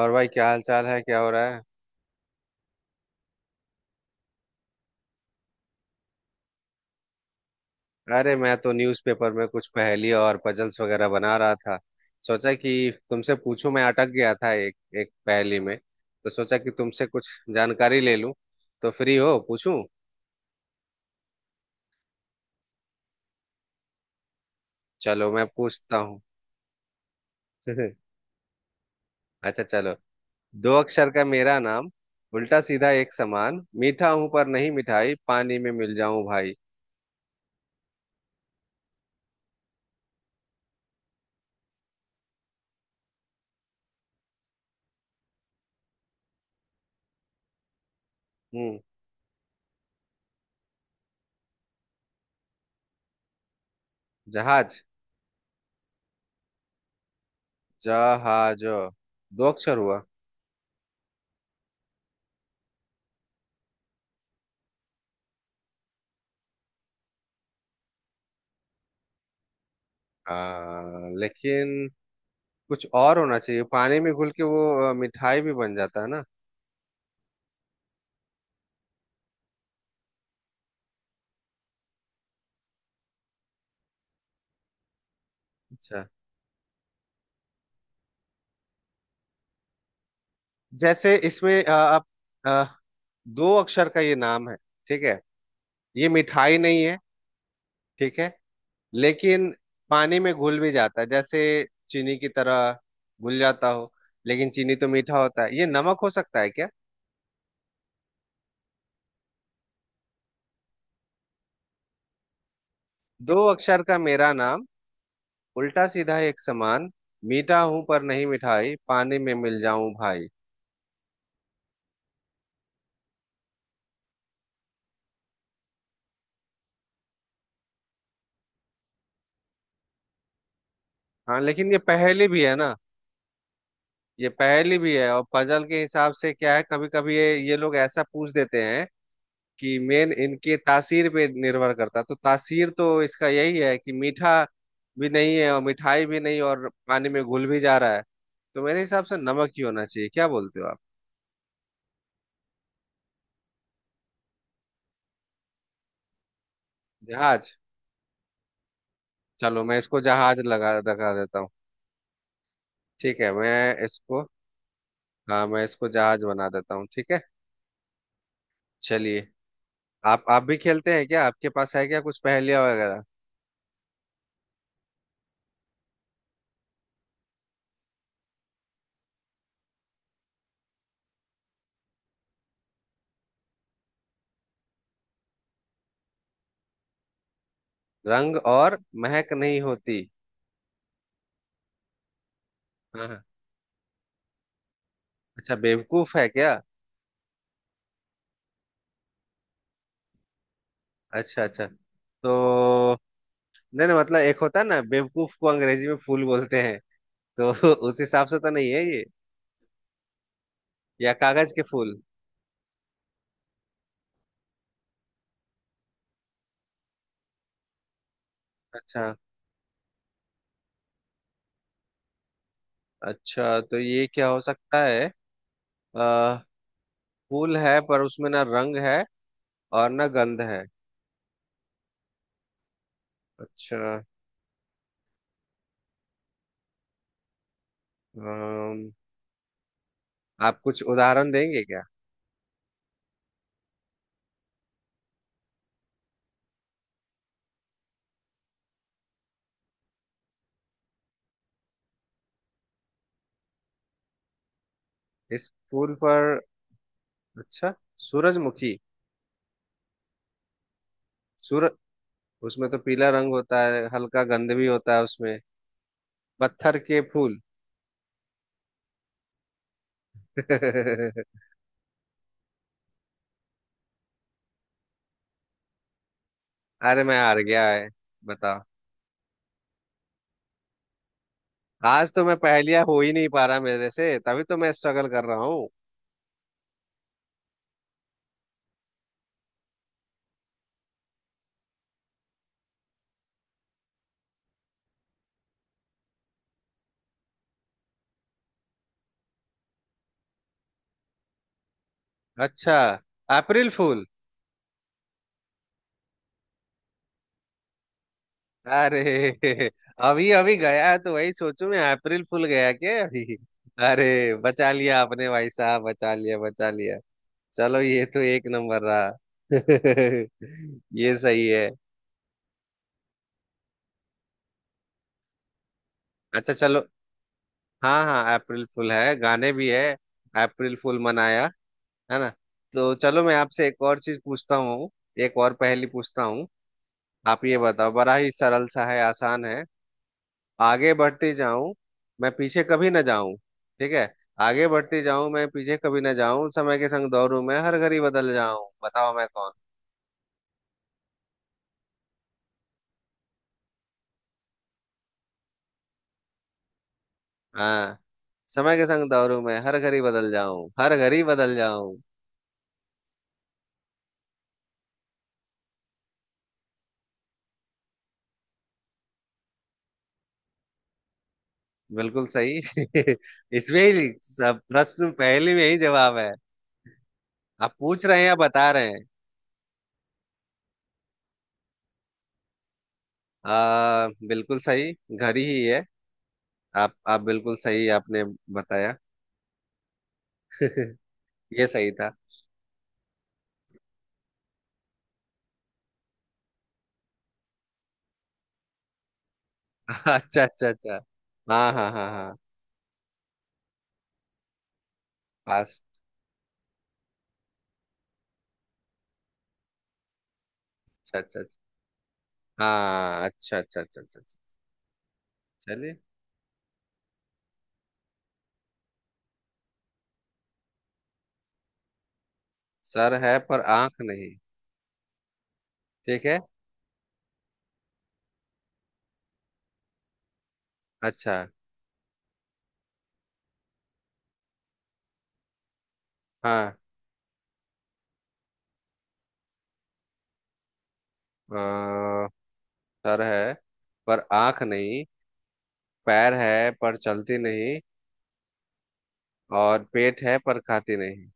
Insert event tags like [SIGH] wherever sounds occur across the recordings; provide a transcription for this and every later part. और भाई क्या हाल चाल है? क्या हो रहा है? अरे मैं तो न्यूज़पेपर में कुछ पहेली और पजल्स वगैरह बना रहा था। सोचा कि तुमसे पूछूं, मैं अटक गया था एक एक पहेली में, तो सोचा कि तुमसे कुछ जानकारी ले लूं। तो फ्री हो? पूछूं? चलो मैं पूछता हूँ। [LAUGHS] अच्छा चलो। दो अक्षर का मेरा नाम, उल्टा सीधा एक समान, मीठा हूं पर नहीं मिठाई, पानी में मिल जाऊं भाई। हम्म। जहाज? जहाज दो अक्षर हुआ। लेकिन कुछ और होना चाहिए, पानी में घुल के वो मिठाई भी बन जाता है ना। अच्छा, जैसे इसमें आप अ, दो अक्षर का ये नाम है, ठीक है? ये मिठाई नहीं है, ठीक है? लेकिन पानी में घुल भी जाता है, जैसे चीनी की तरह घुल जाता हो। लेकिन चीनी तो मीठा होता है, ये नमक हो सकता है क्या? दो अक्षर का मेरा नाम, उल्टा सीधा एक समान, मीठा हूं पर नहीं मिठाई, पानी में मिल जाऊं भाई। हाँ लेकिन ये पहेली भी है ना। ये पहेली भी है और पजल के हिसाब से क्या है, कभी कभी ये लोग ऐसा पूछ देते हैं कि मेन इनके तासीर पे निर्भर करता है। तो तासीर तो इसका यही है कि मीठा भी नहीं है और मिठाई भी नहीं और पानी में घुल भी जा रहा है, तो मेरे हिसाब से नमक ही होना चाहिए। क्या बोलते हो आप? जहाज। चलो मैं इसको जहाज लगा लगा देता हूँ। ठीक है मैं इसको। हाँ मैं इसको जहाज बना देता हूँ, ठीक है। चलिए। आप भी खेलते हैं क्या? आपके पास है क्या कुछ पहेलियां वगैरह? रंग और महक नहीं होती? हाँ हाँ। अच्छा, बेवकूफ है क्या? अच्छा अच्छा। तो, नहीं नहीं, मतलब एक होता है ना, बेवकूफ को अंग्रेजी में फूल बोलते हैं, तो [LAUGHS] उस हिसाब से तो नहीं है ये। या कागज के फूल? अच्छा। अच्छा तो ये क्या हो सकता है? आ, फूल है पर उसमें ना रंग है और ना गंध है। अच्छा। अम, आप कुछ उदाहरण देंगे क्या? इस फूल पर? अच्छा। सूरजमुखी? सूरज, उसमें तो पीला रंग होता है, हल्का गंध भी होता है उसमें। पत्थर के फूल? [LAUGHS] अरे मैं हार गया है। बता। आज तो मैं पहेलियां हो ही नहीं पा रहा मेरे से, तभी तो मैं स्ट्रगल कर रहा हूँ। अच्छा। अप्रैल फूल? अरे [LAUGHS] अभी अभी गया है तो वही सोचूं, मैं अप्रैल फूल गया क्या अभी। अरे बचा लिया आपने भाई साहब, बचा लिया बचा लिया। चलो ये तो एक नंबर रहा। [LAUGHS] ये सही है। अच्छा चलो। हाँ हाँ अप्रैल फूल है, गाने भी है, अप्रैल फूल मनाया, है ना। तो चलो मैं आपसे एक और चीज पूछता हूँ। एक और पहेली पूछता हूँ। आप ये बताओ, बड़ा ही सरल सा है, आसान है। आगे बढ़ते जाऊं, मैं पीछे कभी ना जाऊं। ठीक है? आगे बढ़ते जाऊं, मैं पीछे कभी ना जाऊं, समय के संग दौड़ूं, मैं हर घड़ी बदल जाऊं, बताओ मैं कौन। हाँ। समय के संग दौड़ूं मैं, हर घड़ी बदल जाऊं, हर घड़ी बदल जाऊं। बिल्कुल सही। [LAUGHS] इसमें ही सब, प्रश्न पहेली में ही जवाब है। आप पूछ रहे हैं या बता रहे हैं? बिल्कुल सही। घर ही है। आप बिल्कुल सही आपने बताया। [LAUGHS] ये सही था। [LAUGHS] अच्छा अच्छा अच्छा। हाँ हाँ हाँ हाँ। पास। अच्छा अच्छा अच्छा। हाँ, अच्छा अच्छा अच्छा अच्छा अच्छा। चलिए। सर है पर आंख नहीं, ठीक है। अच्छा। हाँ। अ, सर है पर आंख नहीं, पैर है पर चलती नहीं, और पेट है पर खाती नहीं।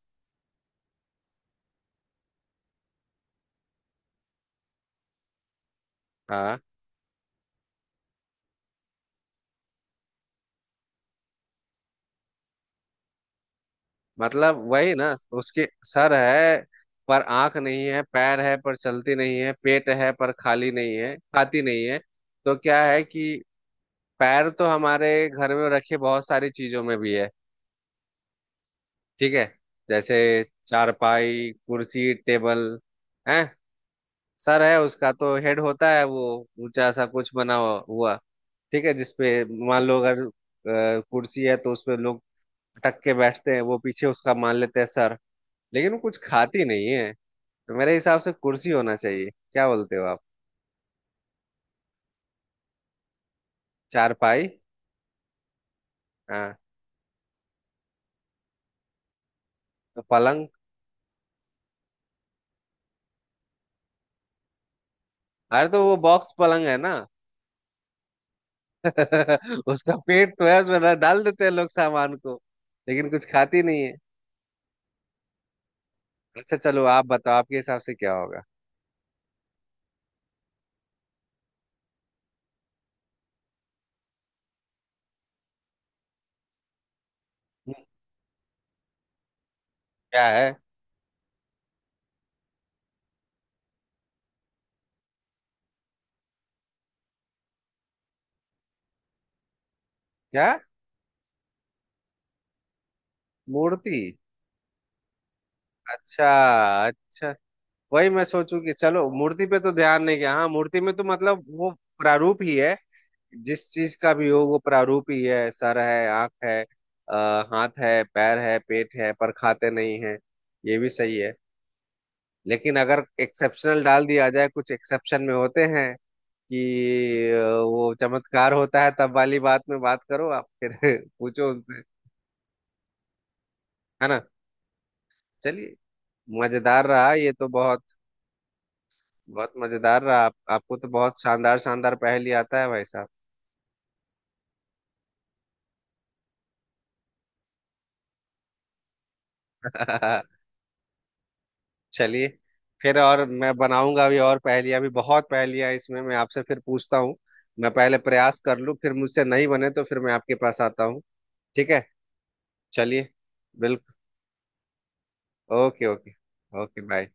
हाँ मतलब वही ना, उसके सर है पर आंख नहीं है, पैर है पर चलती नहीं है, पेट है पर खाली नहीं है, खाती नहीं है। तो क्या है कि पैर तो हमारे घर में रखे बहुत सारी चीजों में भी है, ठीक है। जैसे चारपाई, कुर्सी, टेबल है। सर है उसका, तो हेड होता है वो, ऊंचा सा कुछ बना हुआ हुआ, ठीक है, जिसपे मान लो अगर कुर्सी है तो उसपे लोग अटक के बैठते हैं, वो पीछे उसका मान लेते हैं सर, लेकिन वो कुछ खाती नहीं है। तो मेरे हिसाब से कुर्सी होना चाहिए, क्या बोलते हो आप? चारपाई? हाँ। तो पलंग? अरे तो वो बॉक्स पलंग है ना। [LAUGHS] उसका पेट तो है, उसमें डाल देते हैं लोग सामान को, लेकिन कुछ खाती नहीं है। अच्छा चलो आप बताओ आपके हिसाब से क्या होगा। हम्म, क्या है? क्या? मूर्ति? अच्छा, अच्छा। वही मैं सोचू कि चलो मूर्ति पे तो ध्यान नहीं गया। हाँ, मूर्ति में तो मतलब वो प्रारूप ही है, जिस चीज का भी हो वो प्रारूप ही है, सर है, आंख है, अ, हाथ है, पैर है, पेट है, पर खाते नहीं है। ये भी सही है। लेकिन अगर एक्सेप्शनल डाल दिया जाए, कुछ एक्सेप्शन में होते हैं कि वो चमत्कार होता है, तब वाली बात में बात करो आप फिर, [LAUGHS] पूछो उनसे, है ना। चलिए। मजेदार रहा ये तो, बहुत बहुत मजेदार रहा। आप, आपको तो बहुत शानदार शानदार पहेली आता है भाई साहब। [LAUGHS] चलिए। फिर और मैं बनाऊंगा भी और पहेलियां, भी बहुत पहेलियां इसमें मैं आपसे फिर पूछता हूँ। मैं पहले प्रयास कर लूँ, फिर मुझसे नहीं बने तो फिर मैं आपके पास आता हूँ, ठीक है। चलिए, बिल्कुल। Okay okay. Okay bye.